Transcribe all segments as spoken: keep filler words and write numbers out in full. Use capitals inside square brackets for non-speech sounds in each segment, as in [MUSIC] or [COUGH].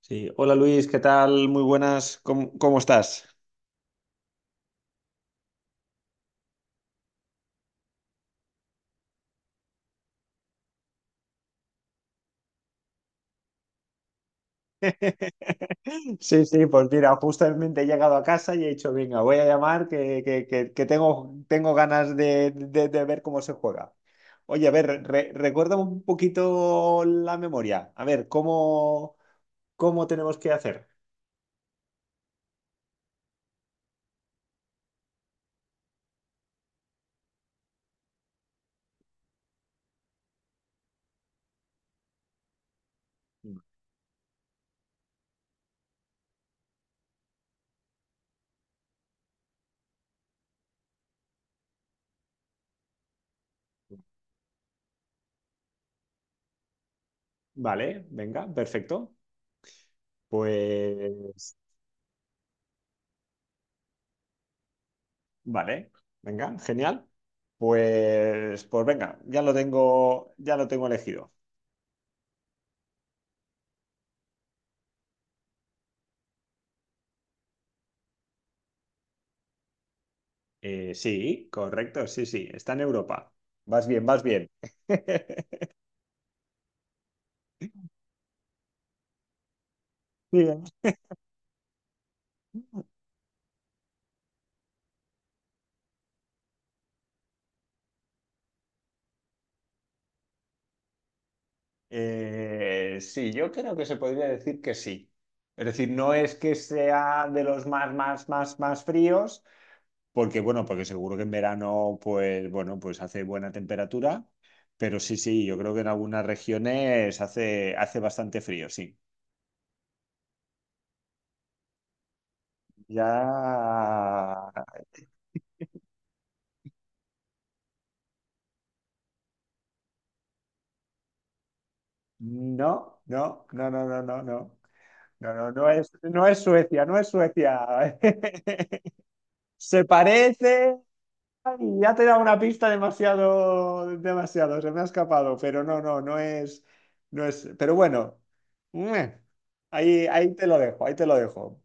Sí. Hola Luis, ¿qué tal? Muy buenas, ¿cómo, cómo estás? Sí, sí, pues mira, justamente he llegado a casa y he dicho, venga, voy a llamar que, que- que- que tengo, tengo ganas de, de- de ver cómo se juega. Oye, a ver, re- recuerda un poquito la memoria. A ver, ¿cómo, cómo tenemos que hacer? Vale, venga, perfecto. Pues, vale, venga, genial. Pues, pues venga, ya lo tengo, ya lo tengo elegido. Eh, sí, correcto, sí, sí, está en Europa. Vas bien, vas bien. [LAUGHS] Bien. Eh, sí, yo creo que se podría decir que sí. Es decir, no es que sea de los más, más, más, más fríos, porque bueno, porque seguro que en verano, pues bueno, pues hace buena temperatura, pero sí, sí, yo creo que en algunas regiones hace, hace bastante frío, sí. Ya... No, no, no, no, no, no, no. No, no, no es, no es Suecia, no es Suecia. [LAUGHS] Se parece. y Ya te he dado una pista demasiado, demasiado, se me ha escapado, pero no, no, no es, no es. Pero bueno, meh, ahí, ahí te lo dejo, ahí te lo dejo.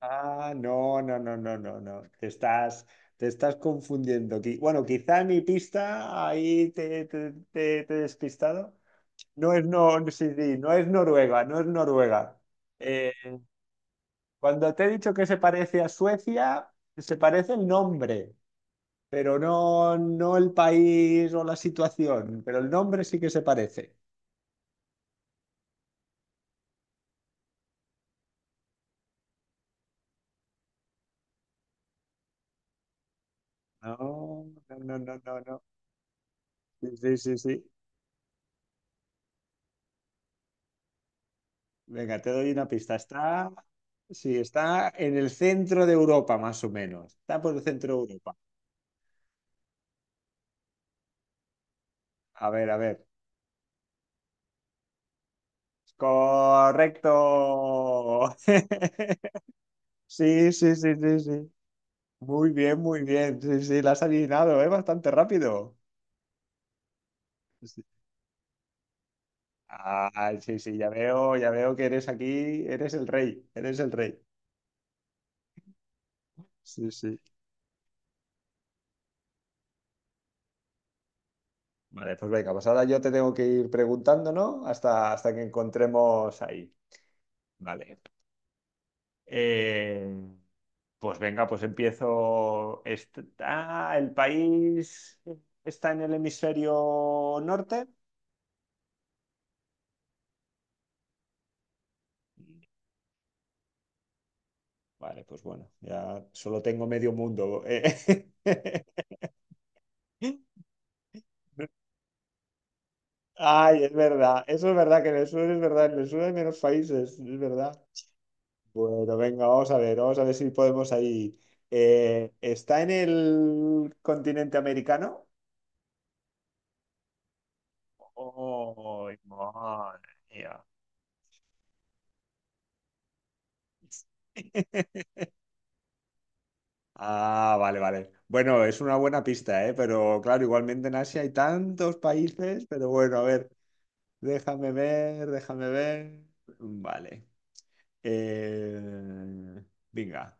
Ah, no, no, no, no, no, no. Te estás, te estás confundiendo. Qui- Bueno, quizá mi pista ahí te, te, te- te he despistado. No es, no, sí, sí, no es Noruega, no es Noruega. Eh, Cuando te he dicho que se parece a Suecia, se parece el nombre, pero no, no el país o la situación, pero el nombre sí que se parece. No, no, no, no, no, no. Sí, sí, sí, sí. Venga, te doy una pista. Está, sí, está en el centro de Europa, más o menos. Está por el centro de Europa. A ver, a ver. Correcto. [LAUGHS] Sí, sí, sí, sí, sí. Muy bien, muy bien. Sí, sí, la has adivinado, ¿eh? Bastante rápido. Sí, ah, sí, sí, ya veo, ya veo que eres aquí, eres el rey, eres el rey. Sí, sí. Vale, pues venga, pues ahora yo te tengo que ir preguntando, ¿no? Hasta, hasta que encontremos ahí. Vale. Eh, pues venga, pues empiezo. Est- ah, el país está en el hemisferio norte. Vale, pues bueno, ya solo tengo medio mundo. eh. [LAUGHS] Ay, es verdad. Eso es verdad, que en el sur es verdad. En el sur hay menos países, es verdad. Bueno, venga, vamos a ver. Vamos a ver si podemos ahí. Eh, ¿está en el continente americano? Oh, madre mía. [LAUGHS] Ah, vale, vale. Bueno, es una buena pista, ¿eh? Pero claro, igualmente en Asia hay tantos países, pero bueno, a ver, déjame ver, déjame ver. Vale. Eh, Venga.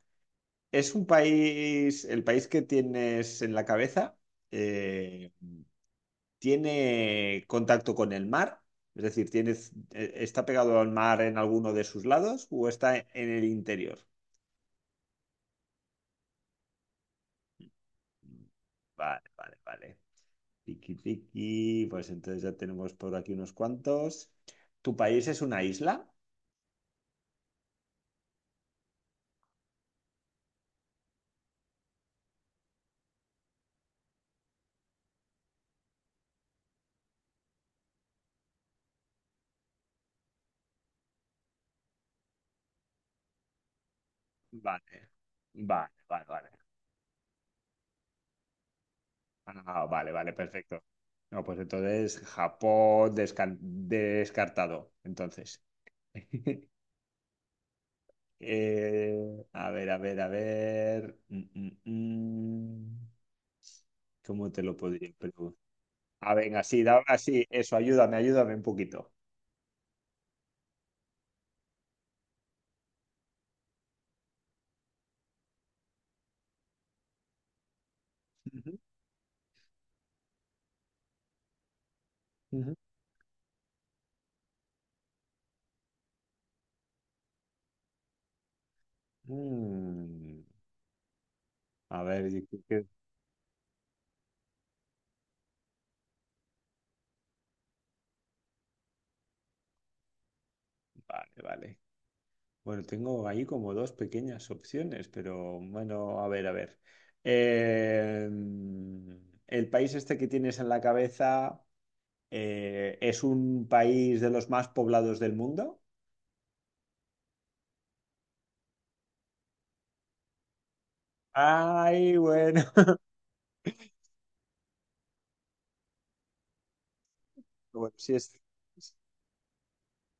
¿Es un país, el país que tienes en la cabeza, eh, tiene contacto con el mar? Es decir, ¿tienes, eh, está pegado al mar en alguno de sus lados o está e, en el interior? Vale, vale, vale. Tiki, tiki. Pues entonces ya tenemos por aquí unos cuantos. ¿Tu país es una isla? Vale, vale, vale, vale. Ah, vale, vale, perfecto. No, pues entonces Japón descan- descartado. Entonces. [LAUGHS] Eh, a ver, a ver, a ver. Mm, mm, mm. ¿Cómo te lo podría preguntar? A ver, así, dame así. Eso, ayúdame, ayúdame un poquito. Ujú, ujú. Mm, A ver, yo creo que- Vale, vale. Bueno, tengo ahí como dos pequeñas opciones, pero bueno, a ver, a ver. Eh, el país este que tienes en la cabeza eh, es un país de los más poblados del mundo. Ay, bueno. Bueno, sí es...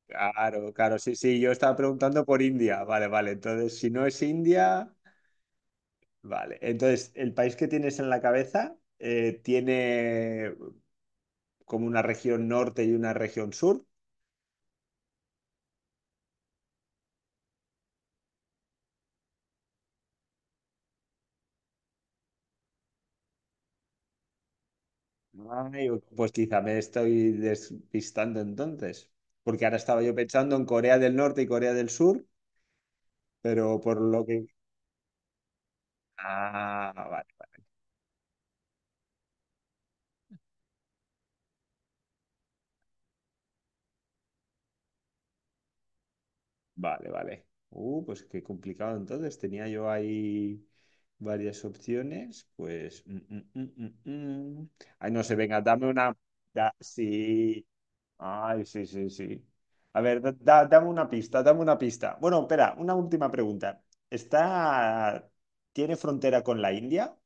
Claro, claro, sí, sí, yo estaba preguntando por India, vale, vale, entonces si no es India, vale, entonces el país que tienes en la cabeza eh, tiene como una región norte y una región sur. Ay, pues quizá me estoy despistando entonces, porque ahora estaba yo pensando en Corea del Norte y Corea del Sur, pero por lo que... Ah, vale. Vale, vale. Uh, pues qué complicado entonces. Tenía yo ahí varias opciones. Pues. mm, mm, mm, mm, mm. Ay, no sé, venga, dame una. da- sí. Ay, sí, sí, sí. A ver, da- da- dame una pista, dame una pista. Bueno, espera, una última pregunta. ¿Está. ¿Tiene frontera con la India?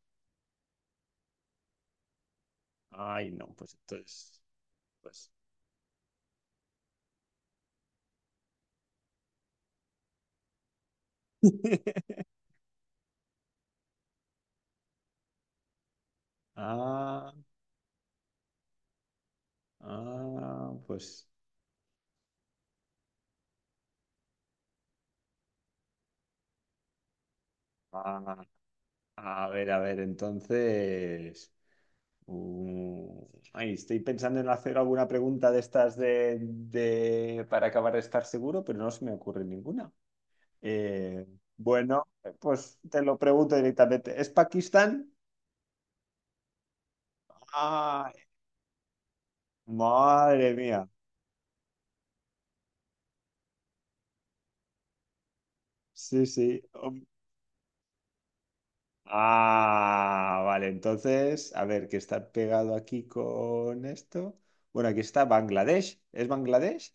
Ay, no, pues entonces. Pues. [LAUGHS] Ah, ah, pues. Ah, a ver, a ver, entonces. Uh, Ay, estoy pensando en hacer alguna pregunta de estas de, de- para acabar de estar seguro, pero no se me ocurre ninguna. Eh, bueno, pues te lo pregunto directamente. ¿Es Pakistán? Ah, madre mía. Sí, sí. Um, Ah, vale. Entonces, a ver, ¿qué está pegado aquí con esto? Bueno, aquí está Bangladesh. ¿Es Bangladesh?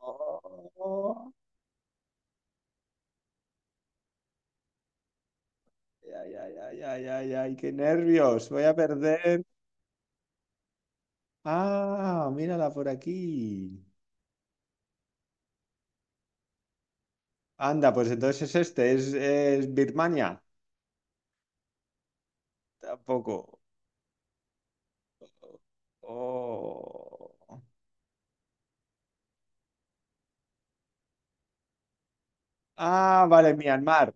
Oh, ay, ay, ay, ay, ay, ay, ay, qué nervios. Voy a perder. Ah, mírala por aquí. Anda, pues entonces es este, es, es Birmania. Tampoco. Oh. Ah, vale, Myanmar.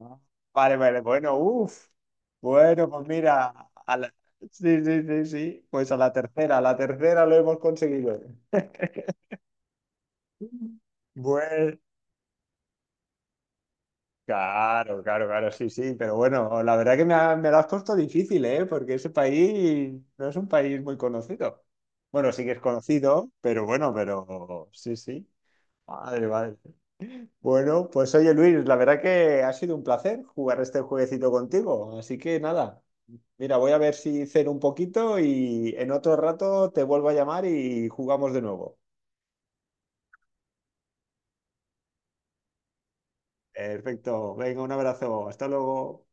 Ah, vale, vale, bueno, uff. Bueno, pues mira, a la- sí, sí, sí, sí. Pues a la tercera, a la tercera lo hemos conseguido. [LAUGHS] Bueno, claro, claro, claro, sí, sí, pero bueno, la verdad que me, ha- me lo has puesto difícil, ¿eh? Porque ese país no es un país muy conocido. Bueno, sí que es conocido, pero bueno, pero sí, sí. Madre, madre. Bueno, pues oye Luis, la verdad que ha sido un placer jugar este jueguecito contigo, así que nada, mira, voy a ver si ceno un poquito y en otro rato te vuelvo a llamar y jugamos de nuevo. Perfecto, venga, un abrazo, hasta luego.